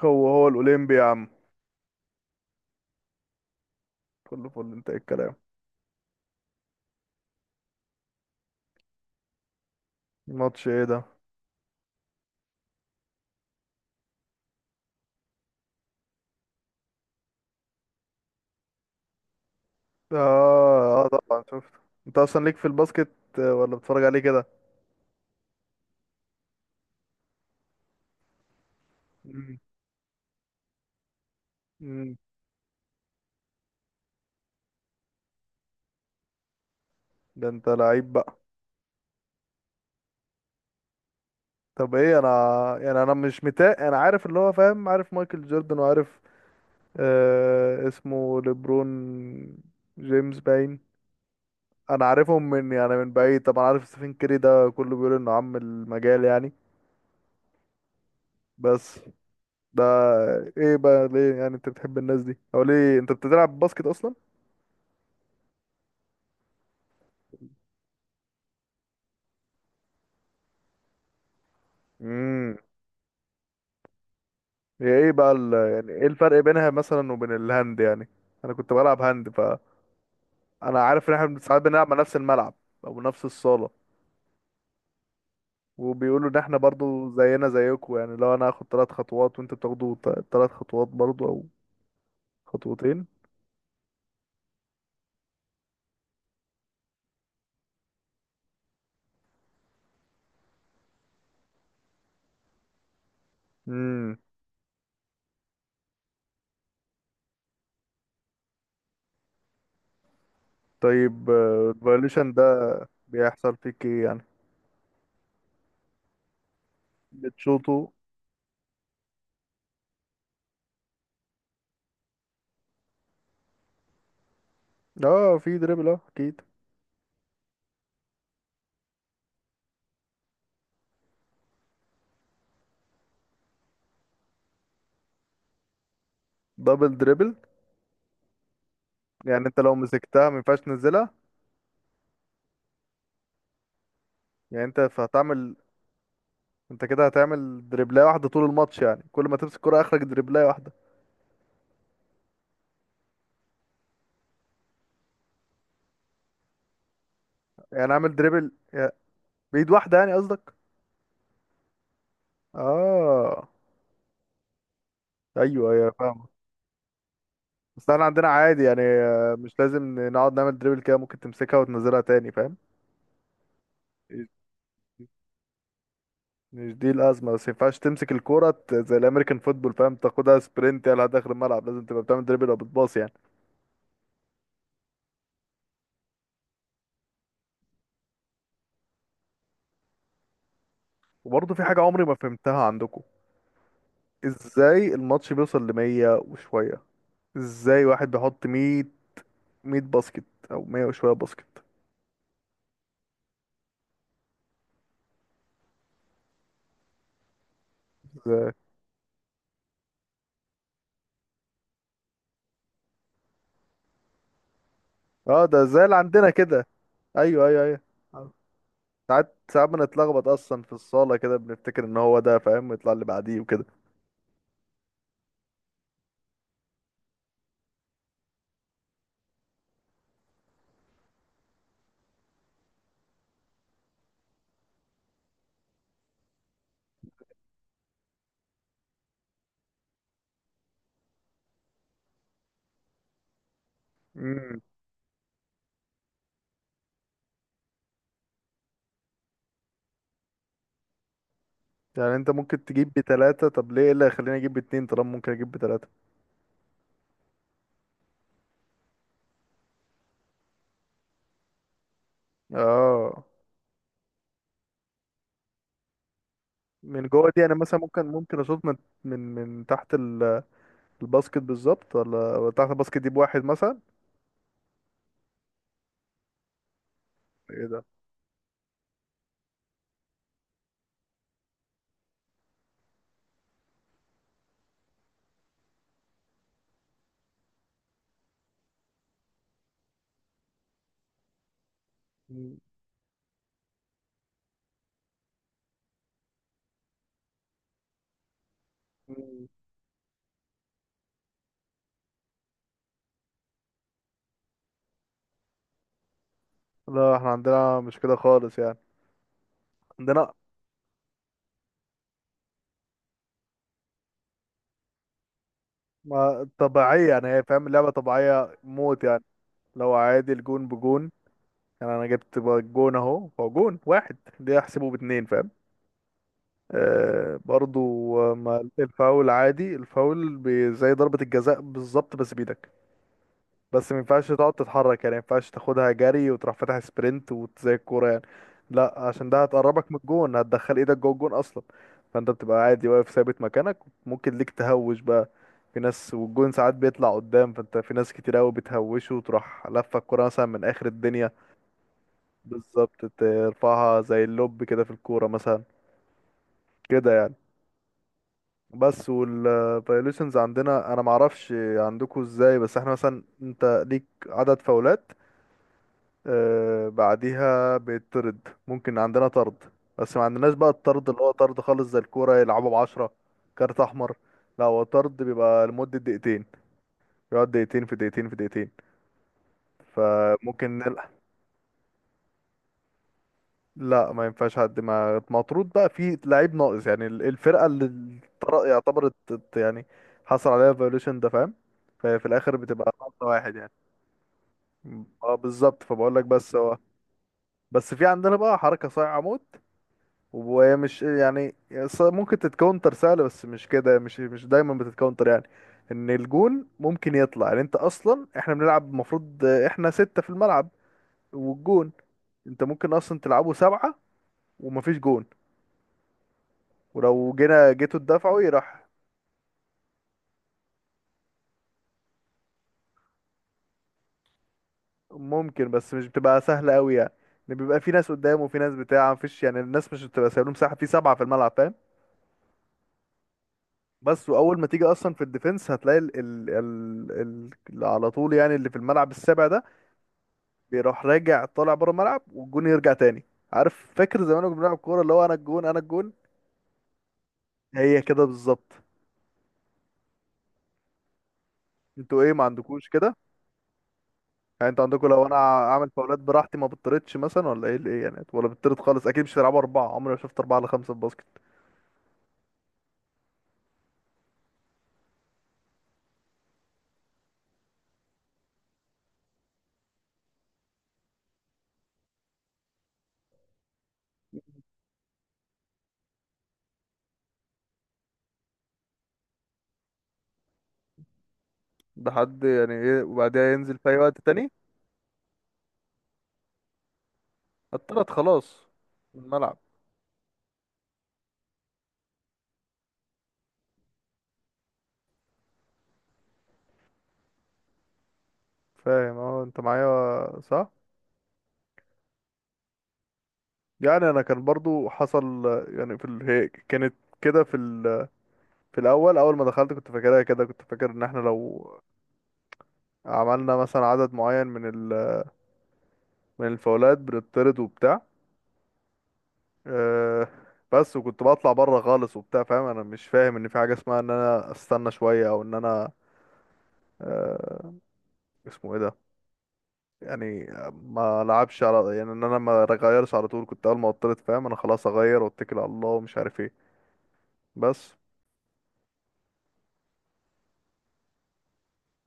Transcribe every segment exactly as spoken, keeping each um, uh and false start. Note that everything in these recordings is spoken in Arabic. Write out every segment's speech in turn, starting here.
هو هو الأولمبي يا عم. فل فل، انت ايه الكلام؟ ماتش ايه ده؟ اه اه، طبعا شفت. انت اصلا ليك في الباسكت، آه، ولا بتتفرج عليه كده؟ مم. مم. ده انت لعيب بقى. طب ايه انا؟ يعني انا مش متاق، انا عارف اللي هو فاهم، عارف مايكل جوردن وعارف، آه اسمه ليبرون جيمس باين. انا عارفهم من، يعني من بعيد طبعا، عارف ستيفن كيري، ده كله بيقول انه عم المجال يعني. بس ده، ايه بقى ليه يعني انت بتحب الناس دي او ليه انت بتلعب باسكت اصلا؟ امم. هي ايه بقى ال... يعني ايه الفرق بينها مثلا وبين الهاند يعني؟ انا كنت بلعب هاند، فانا عارف ان احنا ساعات بنلعب مع نفس الملعب او نفس الصالة، وبيقولوا ان احنا برضو زينا زيكم. يعني لو انا هاخد ثلاث خطوات وانت بتاخدوا ثلاث خطوات برضو، او خطوتين. امم. طيب الفايوليشن ده بيحصل فيك ايه يعني؟ بتشوطه؟ اه في دريبل، اه اكيد. دبل دريبل؟ يعني انت لو مسكتها ما ينفعش تنزلها؟ يعني انت فهتعمل انت كده هتعمل دريبلاية واحدة طول الماتش؟ يعني كل ما تمسك كرة اخرج دريبلاية واحدة؟ يعني اعمل دريبل، يا- بإيد واحدة يعني قصدك؟ اه، ايوه ايوه فاهم. بس احنا عندنا عادي يعني، آه، مش لازم نقعد نعمل دريبل كده، ممكن تمسكها وتنزلها تاني فاهم. مش دي الأزمة، بس ما ينفعش تمسك الكورة ت- زي الأمريكان فوتبول فاهم، تاخدها سبرنت يلا داخل الملعب، لازم تبقى بتعمل دريبل أو بتباص يعني. وبرضه في حاجة عمري ما فهمتها عندكم. إزاي الماتش بيوصل لمية وشوية؟ ازاي واحد بيحط مية، ميت باسكت او مية وشويه باسكت؟ ازاي؟ اه ده زي اللي عندنا كده، ايوه ايوه ايوه. آه. ساعات ساعات بنتلخبط اصلا في الصاله كده، بنفتكر ان هو ده فاهم يطلع اللي بعديه وكده. امم. يعني انت ممكن تجيب بتلاته، طب ليه، إيه اللي هيخليني اجيب باتنين طالما ممكن اجيب بتلاته؟ اه. من جوه دي انا مثلا ممكن ممكن اشوط من من من تحت ال- الباسكت بالظبط، ولا ولا تحت الباسكت دي بواحد مثلا؟ ايه ده؟ مم. مم. لا احنا عندنا مش كده خالص يعني. عندنا ما طبيعية يعني، هي فاهم اللعبة طبيعية موت يعني. لو عادي الجون بجون، يعني أنا جبت بقى جون أهو، هو جون واحد دي أحسبه باتنين فاهم؟ آه برضو. آه، ما الفاول عادي، الفاول بي- زي ضربة الجزاء بالظبط، بس بإيدك. بس ما ينفعش تقعد تتحرك يعني، ما ينفعش تاخدها جري وتروح فاتح سبرنت وزي الكوره يعني. لا عشان ده هتقربك من الجون، هتدخل ايدك جوه الجون اصلا. فانت بتبقى عادي واقف ثابت مكانك. ممكن ليك تهوش بقى، في ناس والجون ساعات بيطلع قدام، فانت في ناس كتير قوي بتهوشه وتروح لفه الكوره مثلا من اخر الدنيا. بالظبط، ترفعها زي اللوب كده في الكوره مثلا، كده يعني. بس والفايوليشنز عندنا انا معرفش عندكم ازاي، بس احنا مثلا انت ليك عدد فاولات، آه، بعديها بيطرد، ممكن عندنا طرد، بس ما عندناش بقى الطرد اللي هو طرد خالص زي الكورة يلعبوا بعشرة، كارت أحمر. لا هو طرد بيبقى لمدة دقيقتين. بيقعد دقيقتين في دقيقتين في دقيقتين، فممكن نلعب. لا ما ينفعش حد ما مطرود بقى، في لعيب ناقص يعني ال- الفرقة اللي الطر- يعتبرت ت- يعني حصل عليها فايوليشن ده، فاهم؟ ففي الآخر بتبقى نقطة واحد يعني. اه بالظبط، فبقول لك. بس هو بس في عندنا بقى حركة صايعة موت، وهي مش يعني، ص- ممكن تتكونتر سهلة، بس مش كده، مش مش دايما بتتكونتر يعني. ان الجون ممكن يطلع، يعني انت اصلا احنا بنلعب المفروض احنا ستة في الملعب والجون. انت ممكن اصلا تلعبه سبعة ومفيش جون، ولو جينا جيتوا تدافعوا يراح. ممكن، بس مش بتبقى سهلة قوي يعني، ان بيبقى في ناس قدام وفي ناس بتاع مفيش، يعني الناس مش بتبقى سايبين مساحة في سبعة في الملعب فاهم. بس واول ما تيجي اصلا في الديفense هتلاقي ال ال ال ال على طول يعني، اللي في الملعب السابع ده بيروح راجع طالع بره الملعب والجون يرجع تاني. عارف فاكر زمان كنا بنلعب كوره اللي هو انا الجون انا الجون، هي كده بالظبط. انتوا ايه، ما عندكوش كده؟ يعني انتوا عندكوا لو انا اعمل فاولات براحتي ما بطردش مثلا، ولا ايه الايه يعني، ولا بطرد خالص؟ اكيد مش هتلعبوا اربعه، عمري ما شفت اربعه على خمسه في باسكت. ده حد يعني ايه، وبعدها ينزل في اي وقت تاني، اتطرد خلاص من الملعب؟ فاهم، اه انت معايا صح. يعني انا كان برضو حصل يعني في ال... هي كانت كده في ال... في الاول، اول ما دخلت كنت فاكرها كده، كنت فاكر ان احنا لو عملنا مثلا عدد معين من ال... من الفاولات بنطرد وبتاع. أه بس وكنت بطلع بره خالص وبتاع فاهم، انا مش فاهم ان في حاجه اسمها ان انا استنى شويه او ان انا، أه اسمه ايه ده يعني، ما لعبش على، يعني ان انا ما اغيرش على طول، كنت اول ما اطرد فاهم انا خلاص اغير واتكل على الله ومش عارف ايه، بس.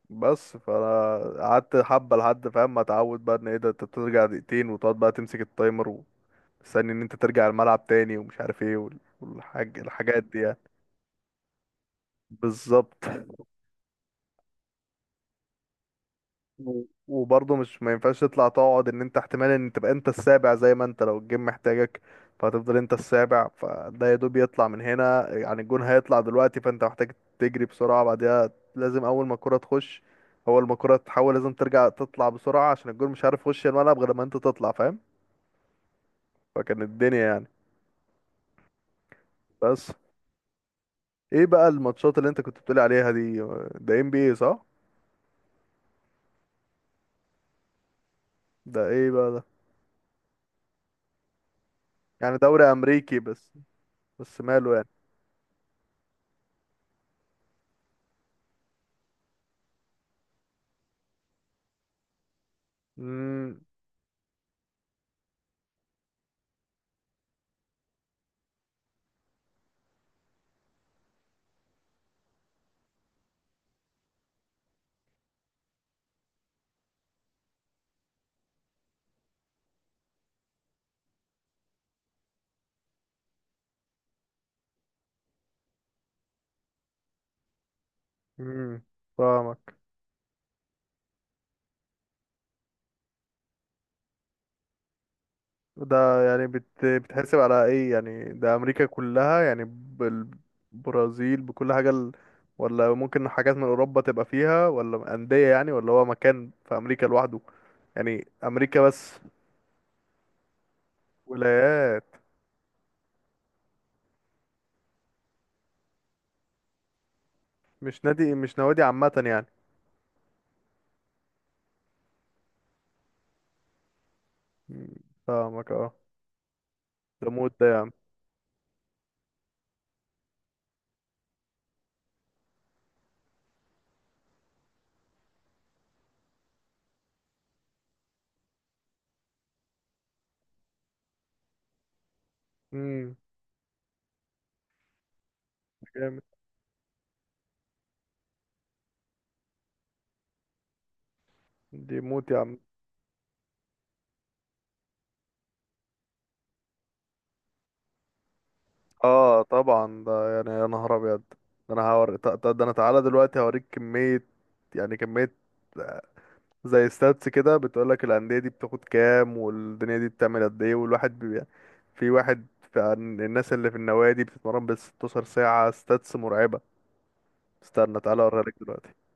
بس فانا قعدت حبه لحد فاهم ما اتعود بقى، ان ايه ده، انت ترجع دقيقتين وتقعد بقى تمسك التايمر وتستني ان انت ترجع الملعب تاني، ومش عارف ايه وال- والحاج الحاجات دي يعني. بالظبط. و- وبرضه مش، ما ينفعش تطلع تقعد، ان انت احتمال ان تبقى انت السابع، زي ما انت لو الجيم محتاجك، فهتفضل انت السابع، فده يا دوب يطلع من هنا يعني، الجون هيطلع دلوقتي فانت محتاج تجري بسرعة بعدها. لازم اول ما الكرة تخش، اول ما الكرة تحول لازم ترجع تطلع بسرعة عشان الجون مش عارف يخش الملعب غير لما انت تطلع فاهم. فكان الدنيا يعني. بس ايه بقى الماتشات اللي انت كنت بتقولي عليها دي؟ ده ام بي اي صح؟ ده ايه بقى ده؟ يعني دوري امريكي بس، بس ماله يعني؟ مم، امم، فاهمك. ده يعني بت... بتحسب على ايه يعني؟ ده امريكا كلها يعني بالبرازيل بكل حاجة ال... ولا ممكن حاجات من اوروبا تبقى فيها ولا اندية يعني، ولا هو مكان في امريكا لوحده يعني، امريكا بس؟ ولايات، مش نادي، مش نوادي عامة يعني؟ مم، فاهمك اه. ده موت ده يا عم. امم. جامد. دي موت يا عم. اه طبعا، ده يعني يا نهار ابيض. ده انا هوري ده، ده انا تعالى دلوقتي هوريك كمية، يعني كمية، زي ستاتس كده بتقولك الأندية دي بتاخد كام والدنيا دي بتعمل قد ايه، والواحد بي... في واحد، في الناس اللي في النوادي بتتمرن بال ست عشرة ساعة، ستاتس مرعبة. استنى تعالى اوريها لك دلوقتي.